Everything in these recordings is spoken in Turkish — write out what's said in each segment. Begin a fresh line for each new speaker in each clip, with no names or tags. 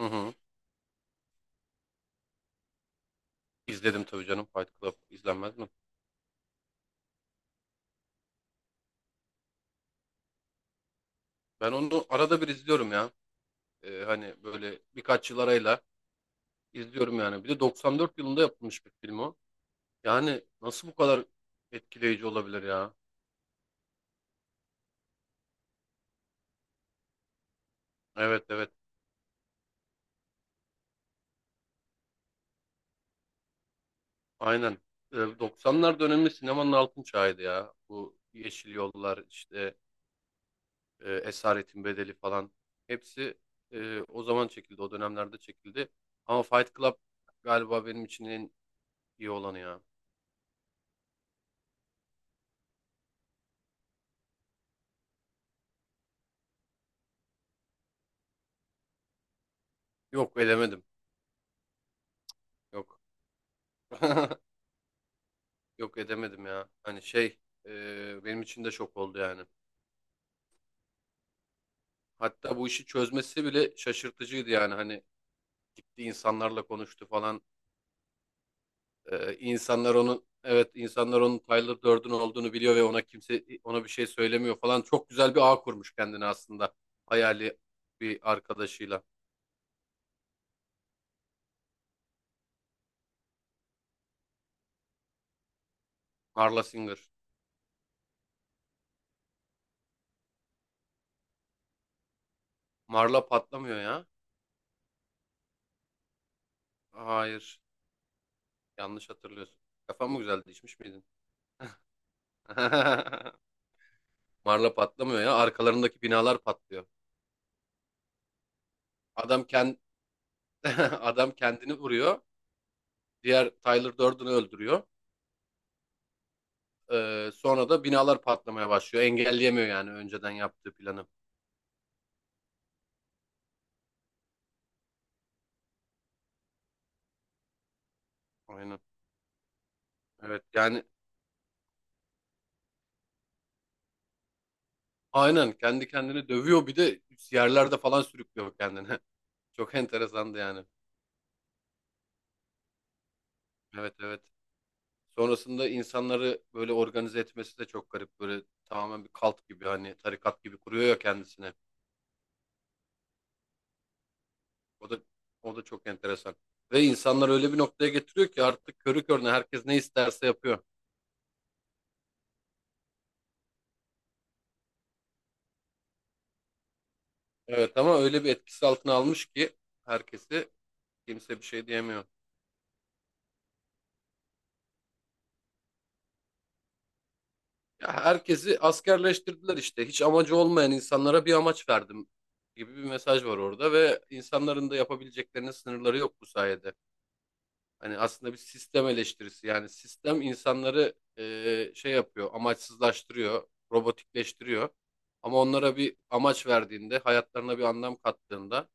Hı hı. İzledim tabii canım Fight Club. İzlenmez mi? Ben onu arada bir izliyorum ya. Hani böyle birkaç yıl arayla izliyorum yani. Bir de 94 yılında yapılmış bir film o. Yani nasıl bu kadar etkileyici olabilir ya? Evet, evet. Aynen. 90'lar dönemi sinemanın altın çağıydı ya. Bu Yeşil Yollar işte Esaretin Bedeli falan. Hepsi o zaman çekildi. O dönemlerde çekildi. Ama Fight Club galiba benim için en iyi olanı ya. Yok, elemedim. Yok. Yok edemedim ya. Hani şey benim için de şok oldu yani. Hatta bu işi çözmesi bile şaşırtıcıydı yani. Hani gitti insanlarla konuştu falan. E, insanlar onun evet insanlar onun Tyler Durden olduğunu biliyor ve kimse ona bir şey söylemiyor falan. Çok güzel bir ağ kurmuş kendine aslında. Hayali bir arkadaşıyla. Marla Singer. Marla patlamıyor ya. Hayır. Yanlış hatırlıyorsun. Kafam mı güzeldi? İçmiş miydin? Marla patlamıyor ya. Arkalarındaki binalar patlıyor. Adam kend Adam kendini vuruyor. Diğer Tyler Durden'ı öldürüyor. Sonra da binalar patlamaya başlıyor. Engelleyemiyor yani önceden yaptığı planı. Aynen. Evet yani aynen kendi kendini dövüyor bir de yerlerde falan sürüklüyor kendini. Çok enteresandı yani. Evet, evet. Sonrasında insanları böyle organize etmesi de çok garip. Böyle tamamen bir kalt gibi hani tarikat gibi kuruyor ya kendisine. O da o da çok enteresan. Ve insanlar öyle bir noktaya getiriyor ki artık körü körüne herkes ne isterse yapıyor. Evet ama öyle bir etkisi altına almış ki herkesi kimse bir şey diyemiyor. Ya herkesi askerleştirdiler işte. Hiç amacı olmayan insanlara bir amaç verdim gibi bir mesaj var orada ve insanların da yapabileceklerinin sınırları yok bu sayede. Hani aslında bir sistem eleştirisi yani sistem insanları şey yapıyor, amaçsızlaştırıyor, robotikleştiriyor. Ama onlara bir amaç verdiğinde, hayatlarına bir anlam kattığında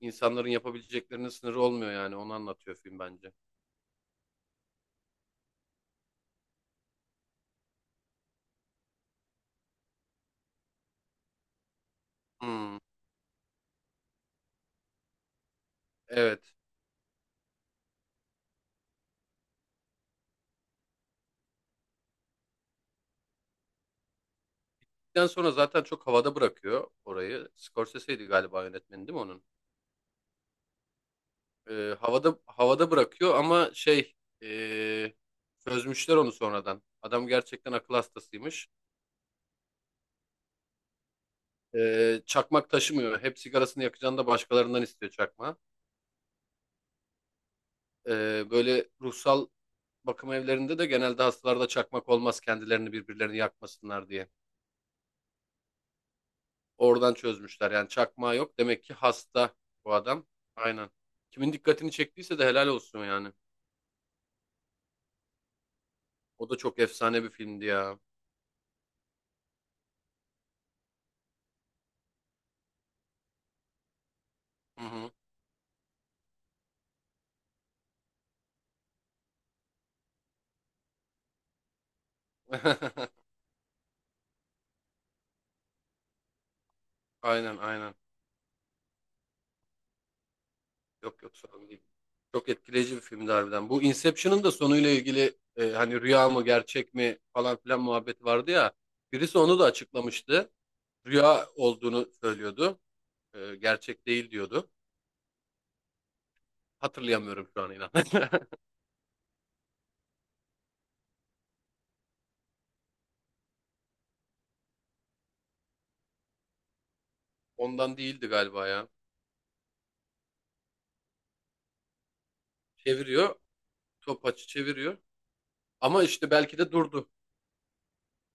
insanların yapabileceklerinin sınırı olmuyor yani onu anlatıyor film bence. Hmm, evet. Bittikten sonra zaten çok havada bırakıyor orayı. Scorsese'ydi galiba yönetmeni değil mi onun? Havada bırakıyor ama şey ee, çözmüşler onu sonradan. Adam gerçekten akıl hastasıymış. Çakmak taşımıyor. Hep sigarasını yakacağını da başkalarından istiyor çakma. Böyle ruhsal bakım evlerinde de genelde hastalarda çakmak olmaz kendilerini birbirlerini yakmasınlar diye. Oradan çözmüşler. Yani çakmağı yok. Demek ki hasta bu adam. Aynen. Kimin dikkatini çektiyse de helal olsun yani. O da çok efsane bir filmdi ya. Hı hı. Aynen, aynen. Yok, yok, sorun değil. Çok etkileyici bir filmdi harbiden. Bu Inception'ın da sonuyla ilgili hani rüya mı gerçek mi falan filan muhabbeti vardı ya. Birisi onu da açıklamıştı. Rüya olduğunu söylüyordu. Gerçek değil diyordu. Hatırlayamıyorum şu an inan. Ondan değildi galiba ya. Çeviriyor. Topaçı çeviriyor. Ama işte belki de durdu.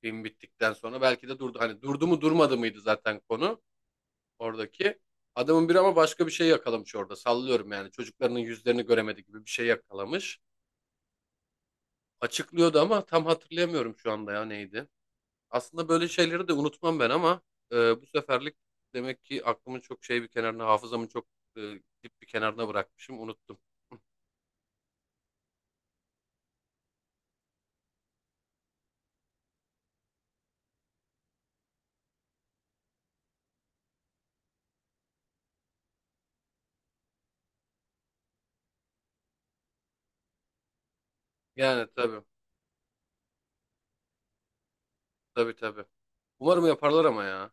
Film bittikten sonra belki de durdu. Hani durdu mu durmadı mıydı zaten konu oradaki. Adamın biri ama başka bir şey yakalamış orada. Sallıyorum yani. Çocuklarının yüzlerini göremedi gibi bir şey yakalamış. Açıklıyordu ama tam hatırlayamıyorum şu anda ya neydi. Aslında böyle şeyleri de unutmam ben ama e, bu seferlik demek ki aklımın çok şey bir kenarına, hafızamın çok e, dip bir kenarına bırakmışım. Unuttum. Yani tabii. Tabii, tabii. Umarım yaparlar ama ya.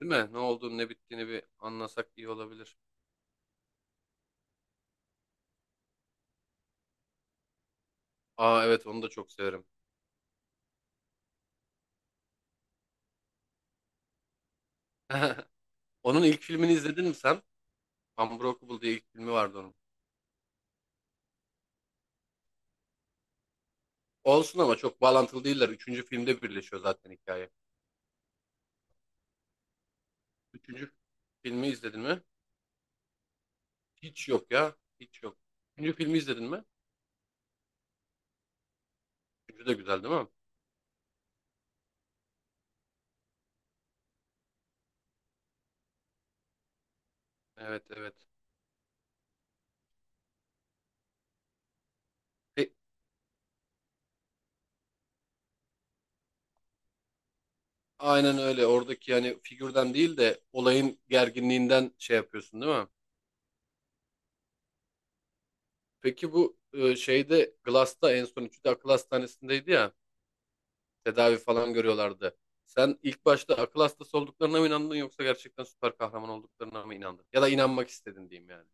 Değil mi? Ne olduğunu ne bittiğini bir anlasak iyi olabilir. Aa evet onu da çok severim. Onun ilk filmini izledin mi sen? Unbreakable diye ilk filmi vardı onun. Olsun ama çok bağlantılı değiller. Üçüncü filmde birleşiyor zaten hikaye. Üçüncü filmi izledin mi? Hiç yok ya. Hiç yok. Üçüncü filmi izledin mi? Üçüncü de güzel değil mi? Evet, evet. E, aynen öyle. Oradaki yani figürden değil de olayın gerginliğinden şey yapıyorsun değil mi? Peki bu şeyde Glass'ta en son üçü de akıl hastanesindeydi ya. Tedavi falan görüyorlardı. Sen ilk başta akıl hastası olduklarına mı inandın yoksa gerçekten süper kahraman olduklarına mı inandın? Ya da inanmak istedin diyeyim yani.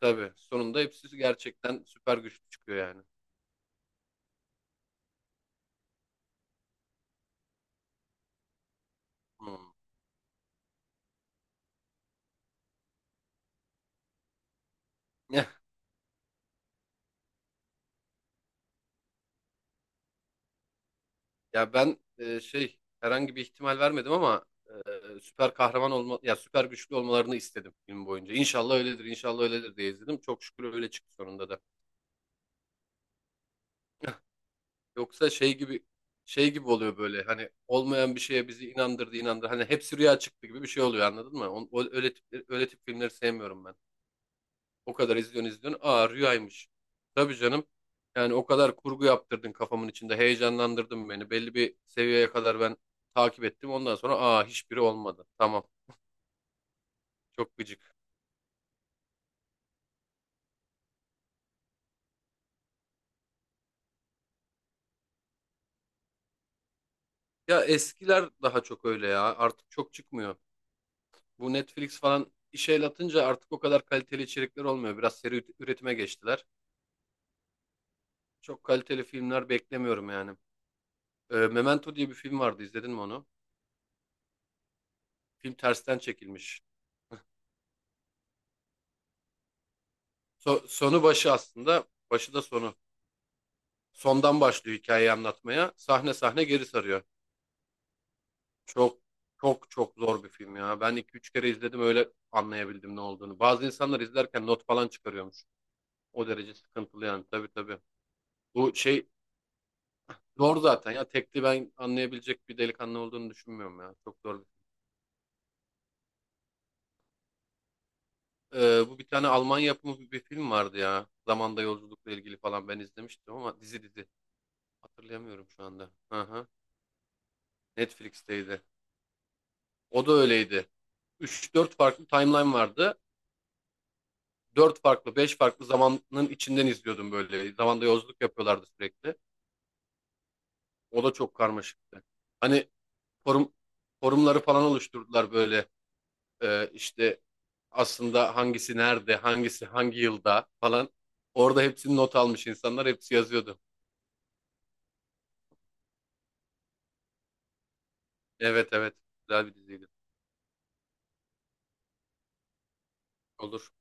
Tabii. Sonunda hepsi gerçekten süper güçlü çıkıyor yani. Hmm. Ya ya ben şey herhangi bir ihtimal vermedim ama süper kahraman olma ya süper güçlü olmalarını istedim film boyunca. İnşallah öyledir, inşallah öyledir diye izledim. Çok şükür öyle çıktı sonunda da. Yoksa şey gibi şey gibi oluyor böyle hani olmayan bir şeye bizi inandırdı inandırdı. Hani hepsi rüya çıktı gibi bir şey oluyor anladın mı? Öyle tip, öyle tip filmleri sevmiyorum ben. O kadar izliyorsun izliyorsun. Aa rüyaymış. Tabii canım. Yani o kadar kurgu yaptırdın kafamın içinde. Heyecanlandırdın beni. Belli bir seviyeye kadar ben takip ettim. Ondan sonra aa hiçbiri olmadı. Tamam. Çok gıcık. Ya eskiler daha çok öyle ya. Artık çok çıkmıyor. Bu Netflix falan işe el atınca artık o kadar kaliteli içerikler olmuyor. Biraz seri üretime geçtiler. Çok kaliteli filmler beklemiyorum yani. Memento diye bir film vardı. İzledin mi onu? Film tersten çekilmiş. Sonu başı aslında. Başı da sonu. Sondan başlıyor hikayeyi anlatmaya. Sahne sahne geri sarıyor. Çok çok çok zor bir film ya. Ben iki üç kere izledim öyle anlayabildim ne olduğunu. Bazı insanlar izlerken not falan çıkarıyormuş. O derece sıkıntılı yani tabii tabii. Bu şey zor zaten ya. Tekli ben anlayabilecek bir delikanlı olduğunu düşünmüyorum ya. Çok zor bir bu bir tane Alman yapımı bir film vardı ya. Zamanda yolculukla ilgili falan ben izlemiştim ama dizi dizi. Hatırlayamıyorum şu anda. Aha, Netflix'teydi. O da öyleydi. Üç dört farklı timeline vardı. Dört farklı, beş farklı zamanın içinden izliyordum böyle. Zamanda yolculuk yapıyorlardı sürekli. O da çok karmaşıktı. Hani forum forumları falan oluşturdular böyle. İşte aslında hangisi nerede, hangisi hangi yılda falan. Orada hepsini not almış insanlar, hepsi yazıyordu. Evet evet, güzel bir diziydi. Olur.